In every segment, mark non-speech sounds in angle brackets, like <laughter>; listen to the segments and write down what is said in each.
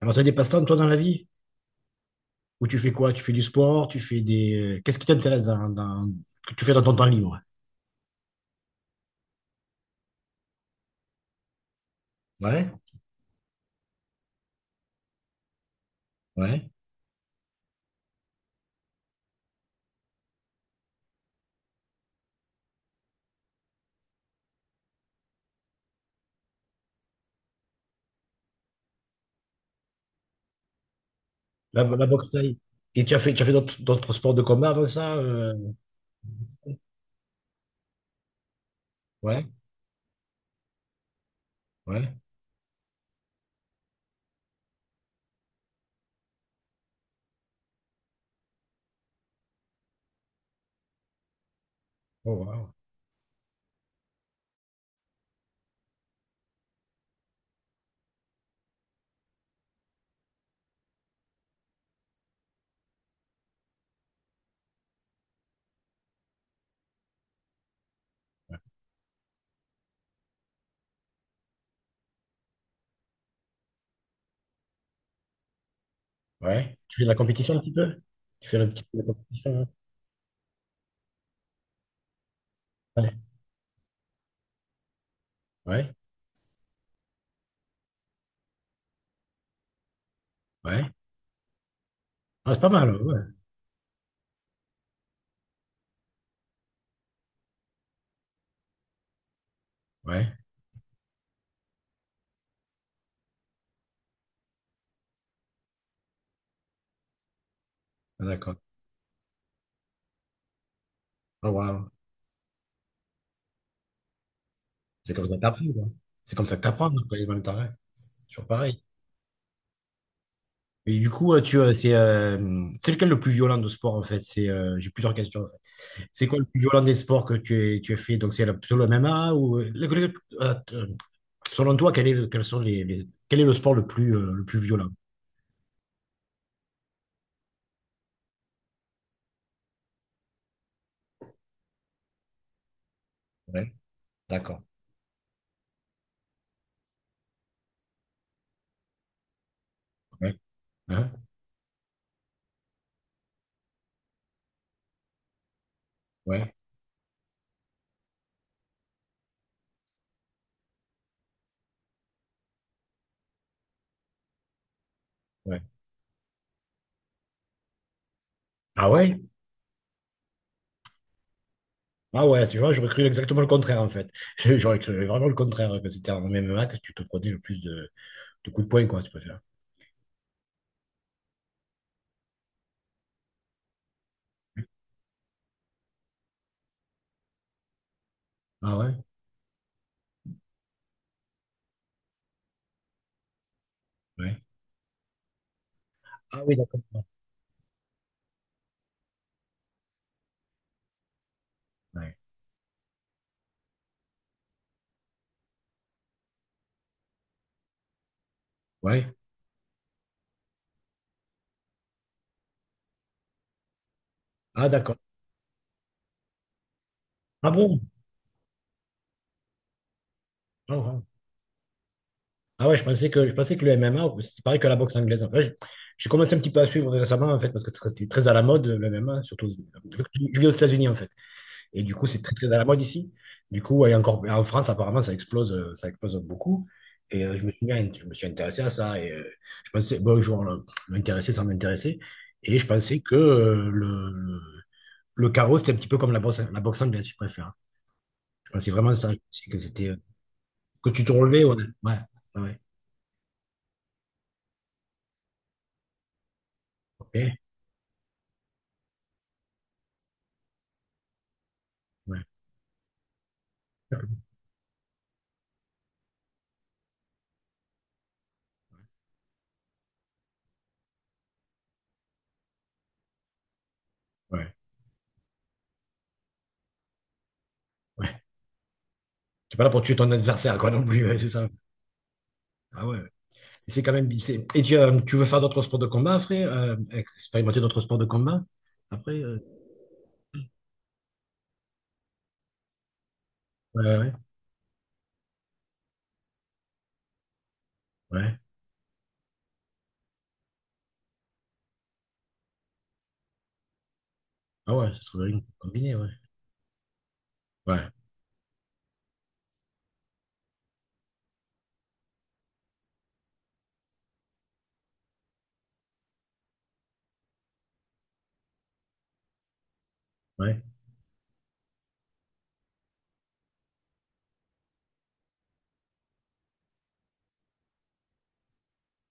Alors, tu as des passe-temps, toi, dans la vie? Ou tu fais quoi? Tu fais du sport? Tu fais qu'est-ce qui t'intéresse que tu fais dans ton temps libre? Ouais, ouais. La boxe thaï. Et tu as fait d'autres sports de combat avant ça? Ouais, ouais. Oh, wow. Ouais. Tu fais de la compétition un petit peu? Tu fais un petit peu de compétition? Hein. Ouais, ouais, ouais. Ah, c'est pas mal, ouais. Ouais, ah, d'accord. Oh, wow. C'est comme ça que t'apprends, quoi. C'est comme ça que t'apprends, quoi, en même temps, ouais. Toujours pareil. Et du coup, tu, c'est lequel le plus violent de sport en fait? J'ai plusieurs questions en fait. C'est quoi le plus violent des sports que tu as fait? Donc c'est plutôt le MMA ou euh, euh, selon toi, quel est le, quels sont les- quel est le sport le plus violent? Ouais, d'accord. Ouais. Hein. Ouais. Ouais. Ah ouais? Ah ouais, c'est vrai, j'aurais cru exactement le contraire en fait. <laughs> J'aurais cru vraiment le contraire, que c'était en MMA que tu te prenais le plus de coups de poing, quoi, tu préfères. Ah ouais? Ouais. Ah oui, d'accord. Ouais. Ouais. Ah, d'accord. Ah bon? Ah, ouais. Ah ouais, je pensais que le MMA, c'est pareil que la boxe anglaise. En fait, j'ai commencé un petit peu à suivre récemment, en fait, parce que c'était très à la mode, le MMA, surtout. Je vis aux États-Unis, en fait. Et du coup, c'est très, très à la mode ici. Du coup, et encore, en France, apparemment, ça explose, ça explose beaucoup. Et je me suis intéressé à ça. Et je pensais, bon, genre, m'intéresser sans m'intéresser. Et je pensais que le chaos, c'était un petit peu comme la boxe anglaise, si je préfère. Je pensais vraiment ça. Je pensais que c'était que tu te relevais, ouais. Ouais, ouais, ok. Ouais. Ouais. Ouais. T'es pas là pour tuer ton adversaire, quoi, non plus, ouais, c'est ça. Ah ouais, ouais. Et c'est quand même. Et tu veux faire d'autres sports de combat après? Expérimenter d'autres sports de combat après? Ouais, ouais, ouais. Ah ouais, ça serait bien combiné, ouais. Ouais, ouais.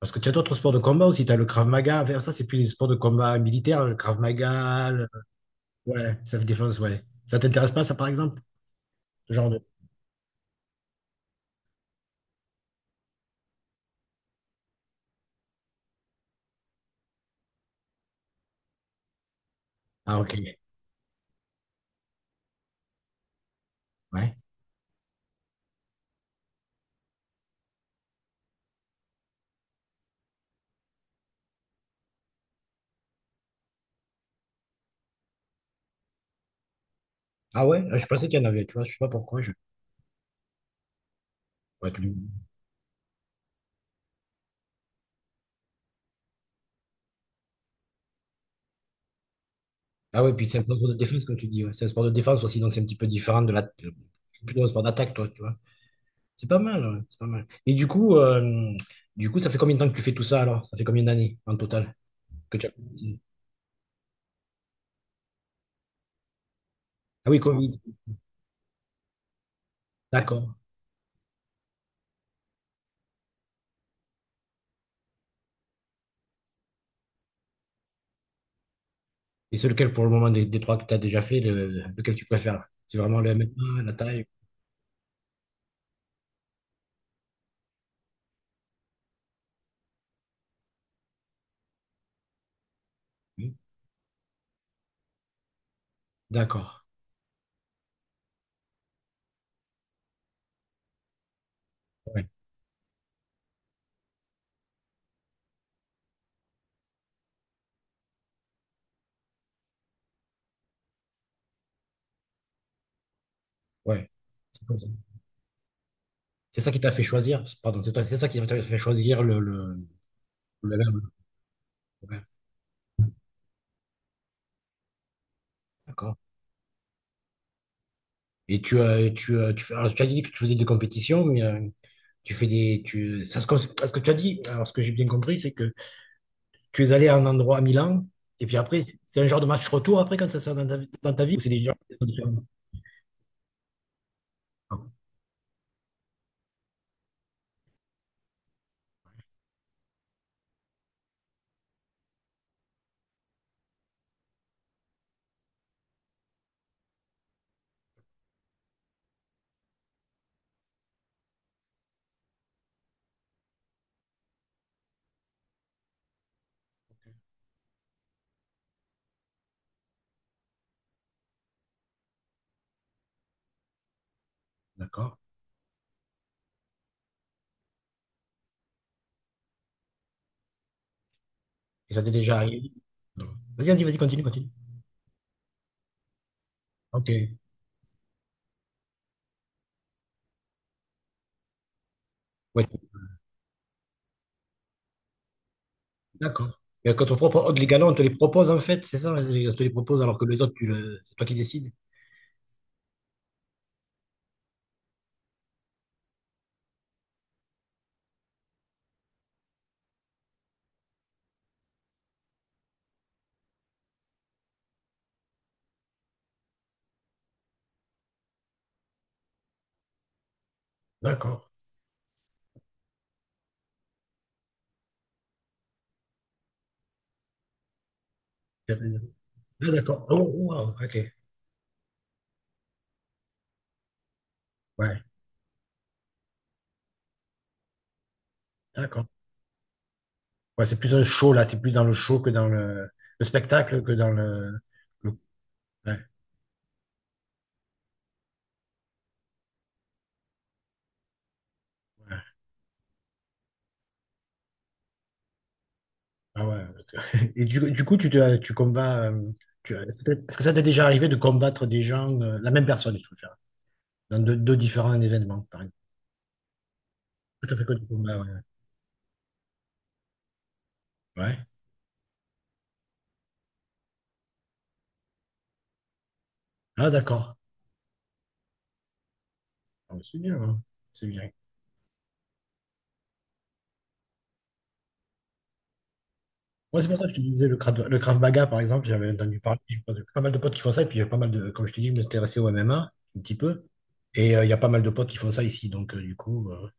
Parce que tu as d'autres sports de combat aussi. Tu as le Krav Maga, enfin, ça, c'est plus des sports de combat militaire. Le Krav Maga, ouais, self défense, ouais. Ça t'intéresse pas, ça, par exemple? Ce genre de. Ah, ok. Ouais. Ah ouais, ah, je pensais qu'il y en avait, tu vois. Je sais pas pourquoi. Ouais, ah ouais, puis c'est un sport de défense, comme tu dis, ouais. C'est un sport de défense aussi, donc c'est un petit peu différent de plutôt un sport d'attaque, toi, tu vois. C'est pas mal, ouais, c'est pas mal. Et du coup, ça fait combien de temps que tu fais tout ça alors? Ça fait combien d'années en total que tu as commencé. Ah oui, Covid, d'accord. Et c'est lequel pour le moment des trois que tu as déjà fait, lequel tu préfères? C'est vraiment le MMA, la taille? Oui. D'accord. Ouais, ouais. C'est comme ça. C'est ça qui t'a fait choisir, pardon, c'est ça qui t'a fait choisir le MMA. Ouais, d'accord. Et tu as, tu as, tu fais, alors, tu as dit que tu faisais des compétitions, mais tu fais des, tu, ça se, cons- parce que tu as dit, alors ce que j'ai bien compris, c'est que tu es allé à un endroit à Milan, et puis après, c'est un genre de match retour après quand ça sort dans dans ta vie, ou c'est des gens qui sont différents. Ah, d'accord. Et ça t'est déjà arrivé? Non. Vas-y, vas-y, vas-y, continue, continue. Ok. Ouais, d'accord. Et quand on propose, les galons, on te les propose en fait, c'est ça? On te les propose alors que les autres, c'est toi qui décides. D'accord. Ah, d'accord. Oh, wow, ok. Ouais, d'accord. Ouais, c'est plus un show, là. C'est plus dans le show que dans le spectacle, le- ouais, ouais. Ah ouais. <laughs> Et du coup, tu, te- tu combats... tu- Est-ce que ça t'est déjà arrivé de combattre des gens, la même personne, je préfère, dans deux différents événements, par exemple? Tout à fait que du combat, ouais. Ouais. Ah, d'accord. Ah, c'est bien, hein. C'est bien. Ouais, c'est pour ça que je te disais le Krav, Maga, par exemple, j'avais entendu parler, j'ai pas mal de potes qui font ça, et puis j'ai pas mal de, comme je te dis, je m'intéressais au MMA un petit peu, et il y a pas mal de potes qui font ça ici, donc du coup,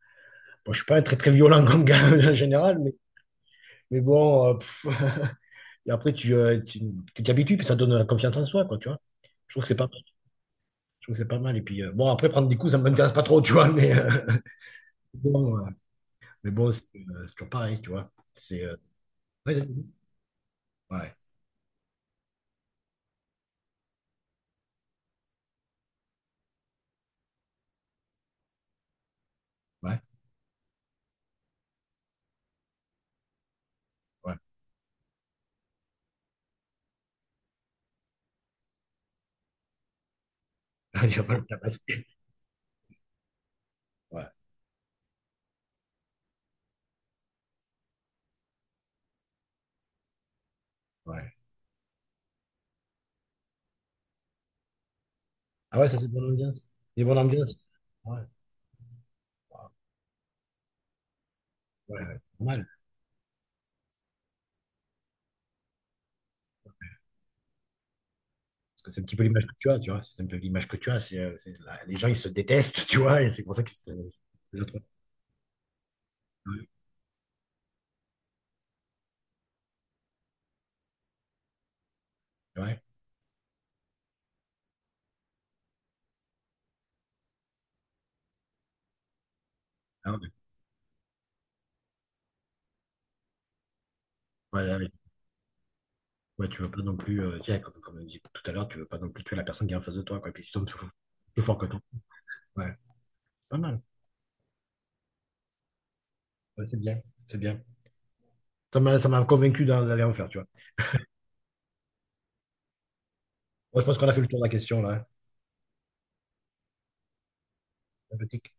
bon, je suis pas un très très violent comme gars <laughs> en général, mais, bon, <laughs> et après tu t'y habitues, puis ça donne la confiance en soi, quoi, tu vois. Je trouve que c'est pas mal, et puis bon, après prendre des coups, ça m'intéresse pas trop, tu vois, mais <laughs> bon, mais bon, c'est toujours pareil, tu vois. Ouais, ouais, ouais, <laughs> ouais, tu vas pas le tabasser, ouais, ouais. Ah ouais, ça c'est bonne ambiance. Il y a bonne ambiance. Ah ouais, ah, ouais, ouais, normal. Parce que c'est un petit peu l'image que tu as, tu vois. C'est un peu l'image que tu as. Les gens, ils se détestent, <laughs> tu vois, et c'est pour ça que les autres- ouais, ouais, ah ouais, ouais, ouais. Ouais, tu veux pas non plus, tiens, comme on dit tout à l'heure, tu veux pas non plus tuer la personne qui est en face de toi, quoi. Et puis tu tombes plus fort que toi. Ouais, c'est pas mal. Ouais, c'est bien, c'est bien. Ça m'a convaincu d'aller en faire, tu vois. Moi, je pense qu'on a fait le tour de la question, là, hein. Sympathique.